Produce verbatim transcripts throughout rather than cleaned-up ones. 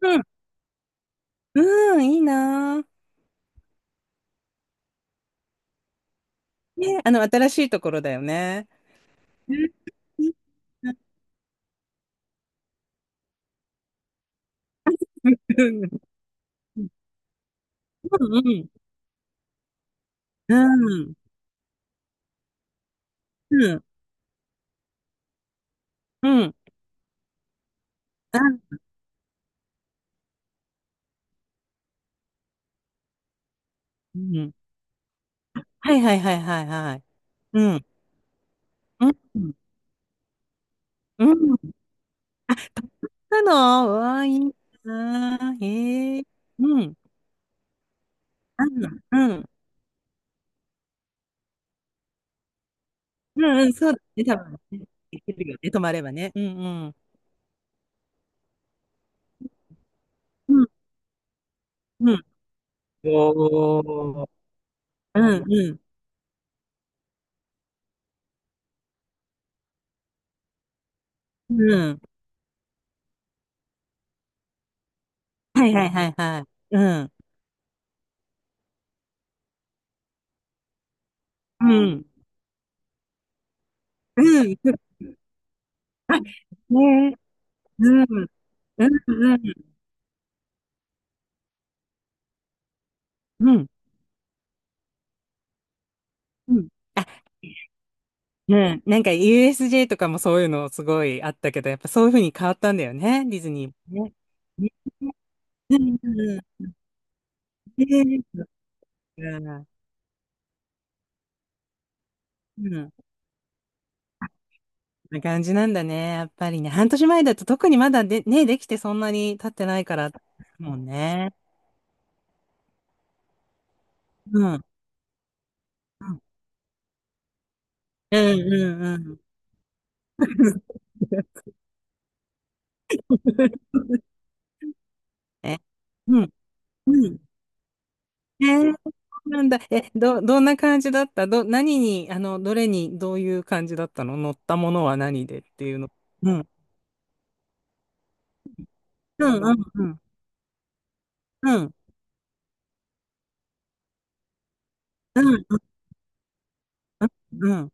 うん。うん、いいなぁ。ね、あの、新しいところだよね。うん。いいな。うん うんうん。うん。うん。うん。あ、うん。はいはいはいはいはい。うん。うん。うん。なの、うわ、いいな。へえ。うん。あ、うん。うんうん。そうだね、多分ね。できるよね、泊まればね。うんうん。うんうん。おお。うんうん。うん。はいはいはいはい。うん。うん。うん。あ、ねえ。うん。うんうん。うん。うん。あ、うん。なんか ユーエスジェー とかもそういうのすごいあったけど、やっぱそういう風に変わったんだよね、ディズニーもね。ね。うんうんうん。ねえ、そっか。うん。あ、そんな感じなんだね、やっぱりね。半年前だと特にまだで、ね、できてそんなに経ってないから、もんね。うん。うんうんうんうん え、うん。うん。えー、そうなんだ。え、ど、どんな感じだったど、何に、あの、どれに、どういう感じだったの、乗ったものは何でっていうの？うん。うん、うん、うん。うん、うん、うん。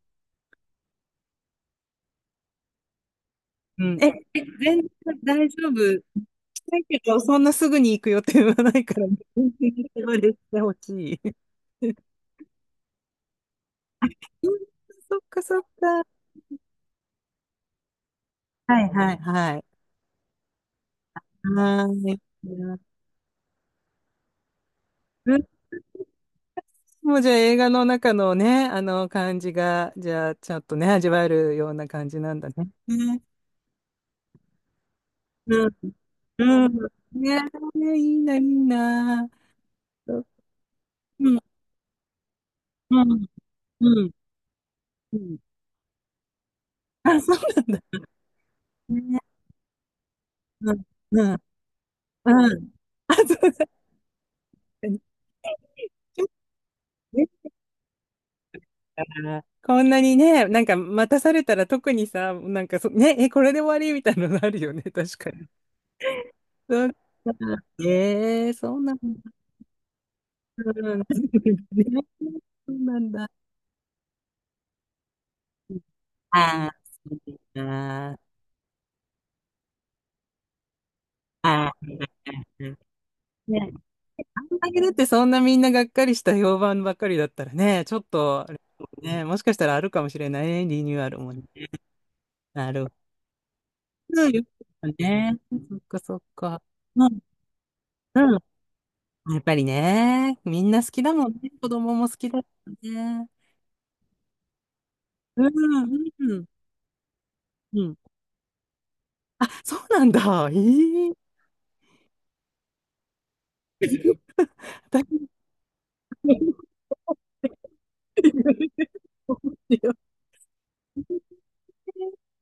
うん。え、え、全然大丈夫。したいけど、そんなすぐに行く予定はないから、全然手放してほしい。うん。そっか、そっか。はい、はい、はい。はーい。もうじゃあ映画の中のね、あの感じが、じゃあちょっとね、味わえるような感じなんだね。ね。うん。うん。ね、いいな、いいな。うん、うん、うん、うん。あ、そうなんだ。ね、うん、うん、うん。あ、そうだか、ちょっとねだか、こんなにね、なんか待たされたら特にさ、なんかそ、ね、え、これで終わりみたいなのあるよね、確かに。そう。ええー、そうなんだ。うん ね、そうなんだ。ああ、そうですか。ああ、ね、あんだけだってそんなみんながっかりした評判ばっかりだったらね、ちょっと、あれね、もしかしたらあるかもしれないね、リニューアルもね。なるほど。よかったね。そっかそっか。うん、うん。やっぱりね、みんな好きだもんね。子供も好きだもんね。うん、うん、うん。あ、そうなんだ。ええ。だいぶ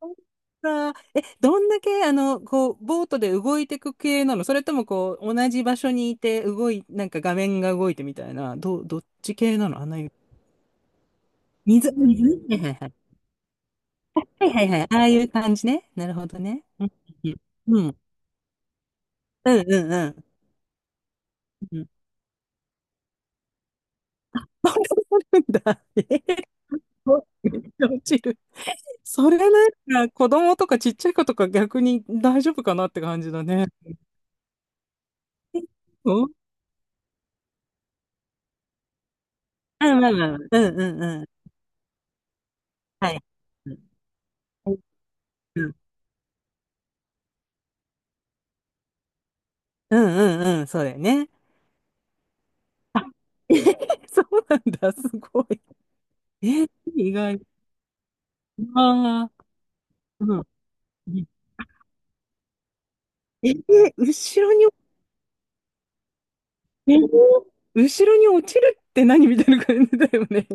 そっか。え、どんだけ、あの、こう、ボートで動いていく系なの、それとも、こう、同じ場所にいて、動い、なんか画面が動いてみたいな、どう、どっち系なの、あんないう水、水ね。はいはいはい。はいはいはい。ああいう感じね。なるほどね。うん。うん。うんうんうん。うん。そんなことあるんだ。えー、めっちゃ落ちる。それなんか、子供とかちっちゃい子とか逆に大丈夫かなって感じだね。うん。あ、まあまあまあ。うんうんうん。はい。うん。うんうんうん、そうだよね。あ、え そうなんだ、すごい。え、意外。ああ、うん。え、後ろに、え後ろに落ちるって何みたいな感じだよね。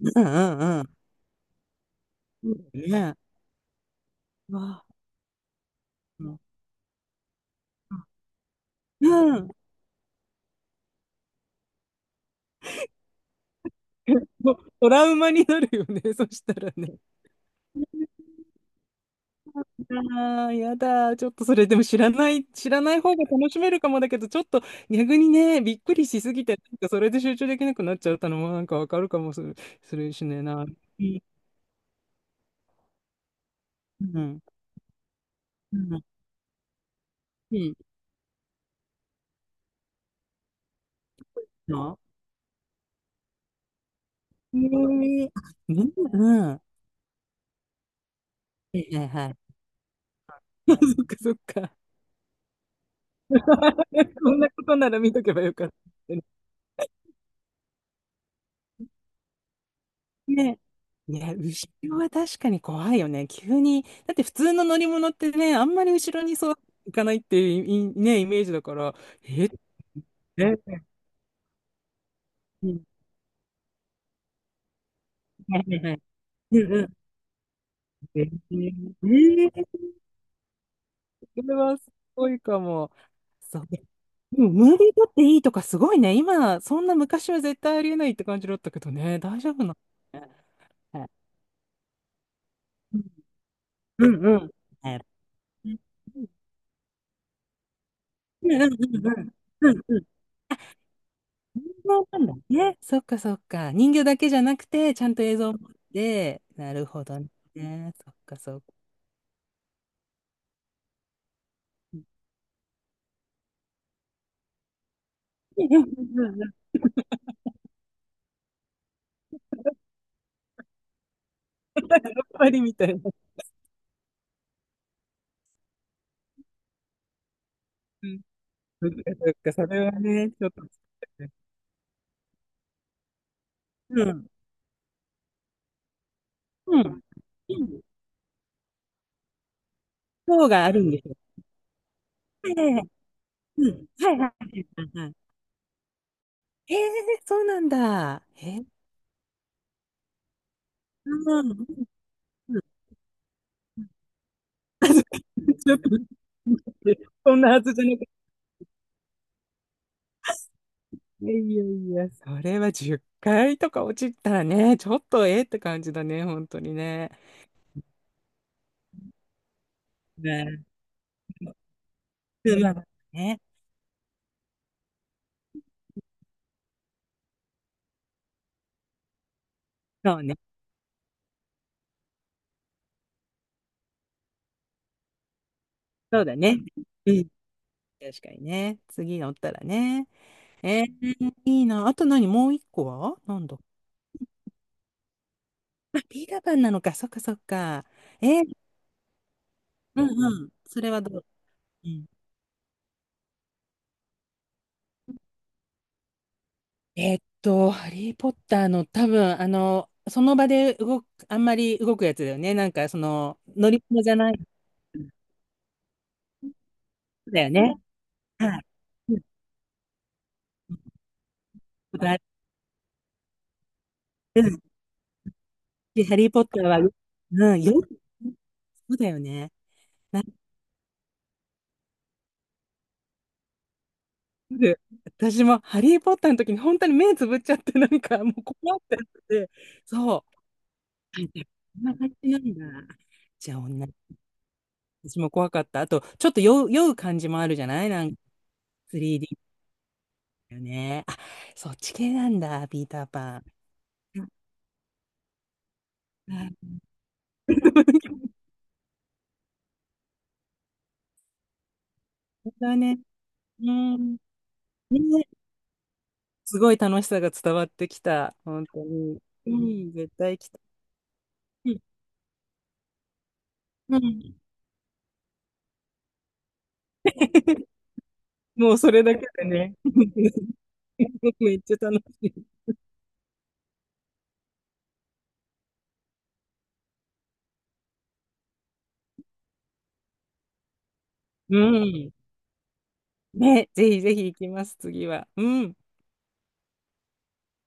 うんうんうん。ねえ。わあ、うん。うん。トラウマになるよね、そしたらね。ああ、やだ。ちょっとそれ、でも知らない、知らない方が楽しめるかもだけど、ちょっと逆にね、びっくりしすぎて、なんかそれで集中できなくなっちゃったのもなんかわかるかもする、するしねえな。うん。うん。うん。うん。いいの。えー、あ、みんな、うん。はいはいはい。そっかそっか。こんなことなら見とけばよかった。ね、いや、後ろは確かに怖いよね。急に。だって普通の乗り物ってね、あんまり後ろにそう行かないっていういね、イメージだから、え、え、うん、はいはい、うんうん。えー、それはすごいかも。そう。でも、ムービー撮っていいとかすごいね。今、そんな昔は絶対ありえないって感じだったけどね。大丈夫なのね。はい。うんうん。うんうんうんうんうんうんうん。人形なんだね。そっかそっか。人形だけじゃなくて、ちゃんと映像もあって、なるほどね。そっかそっか。うん。やっぱりみたいな。うん。そっかそっか、それはね、ちょっと。うん。うん。塔があるんですよ。はいはいはい。うん。はいはいはいはい。へえ、そうなんだ。へえ。うん。うんうん。ちょっと、そんなはずじゃない。やいやいや、それはじゅっかいとか落ちたらね、ちょっとええって感じだね、本当にね。ね、うんまあね、そうね、そうだね。うん、確かにね。次乗ったらね。えー、いいな。あと何もう一個はなんだ？あ、ピーターパンなのか。そっかそっか。えー、うんうん。それはどう？うん。えーっと、ハリー・ポッターの多分、あの、その場で動く、あんまり動くやつだよね。なんか、その、乗り物じゃない。そうだよね。はい。うん、ことある。うん。で、ハリー・ポッターは、うん、よく、そうだよね。なんか私もハリー・ポッターの時に本当に目つぶっちゃって、なんかもう怖くなって、そう。はい、こんな感じなんだ。じゃあ、女、私も怖かった。あと、ちょっと酔う、酔う感じもあるじゃない、なんか スリーディー だよね。あ、そっち系なんだ、ピーターパン。うん う、本当だね。うん。ね、すごい楽しさが伝わってきた。本当に。うん、絶対行きたい。うん。もうそれだけでね。めっちゃ楽しい。うん。ね、ぜひぜひ行きます、次は。うん。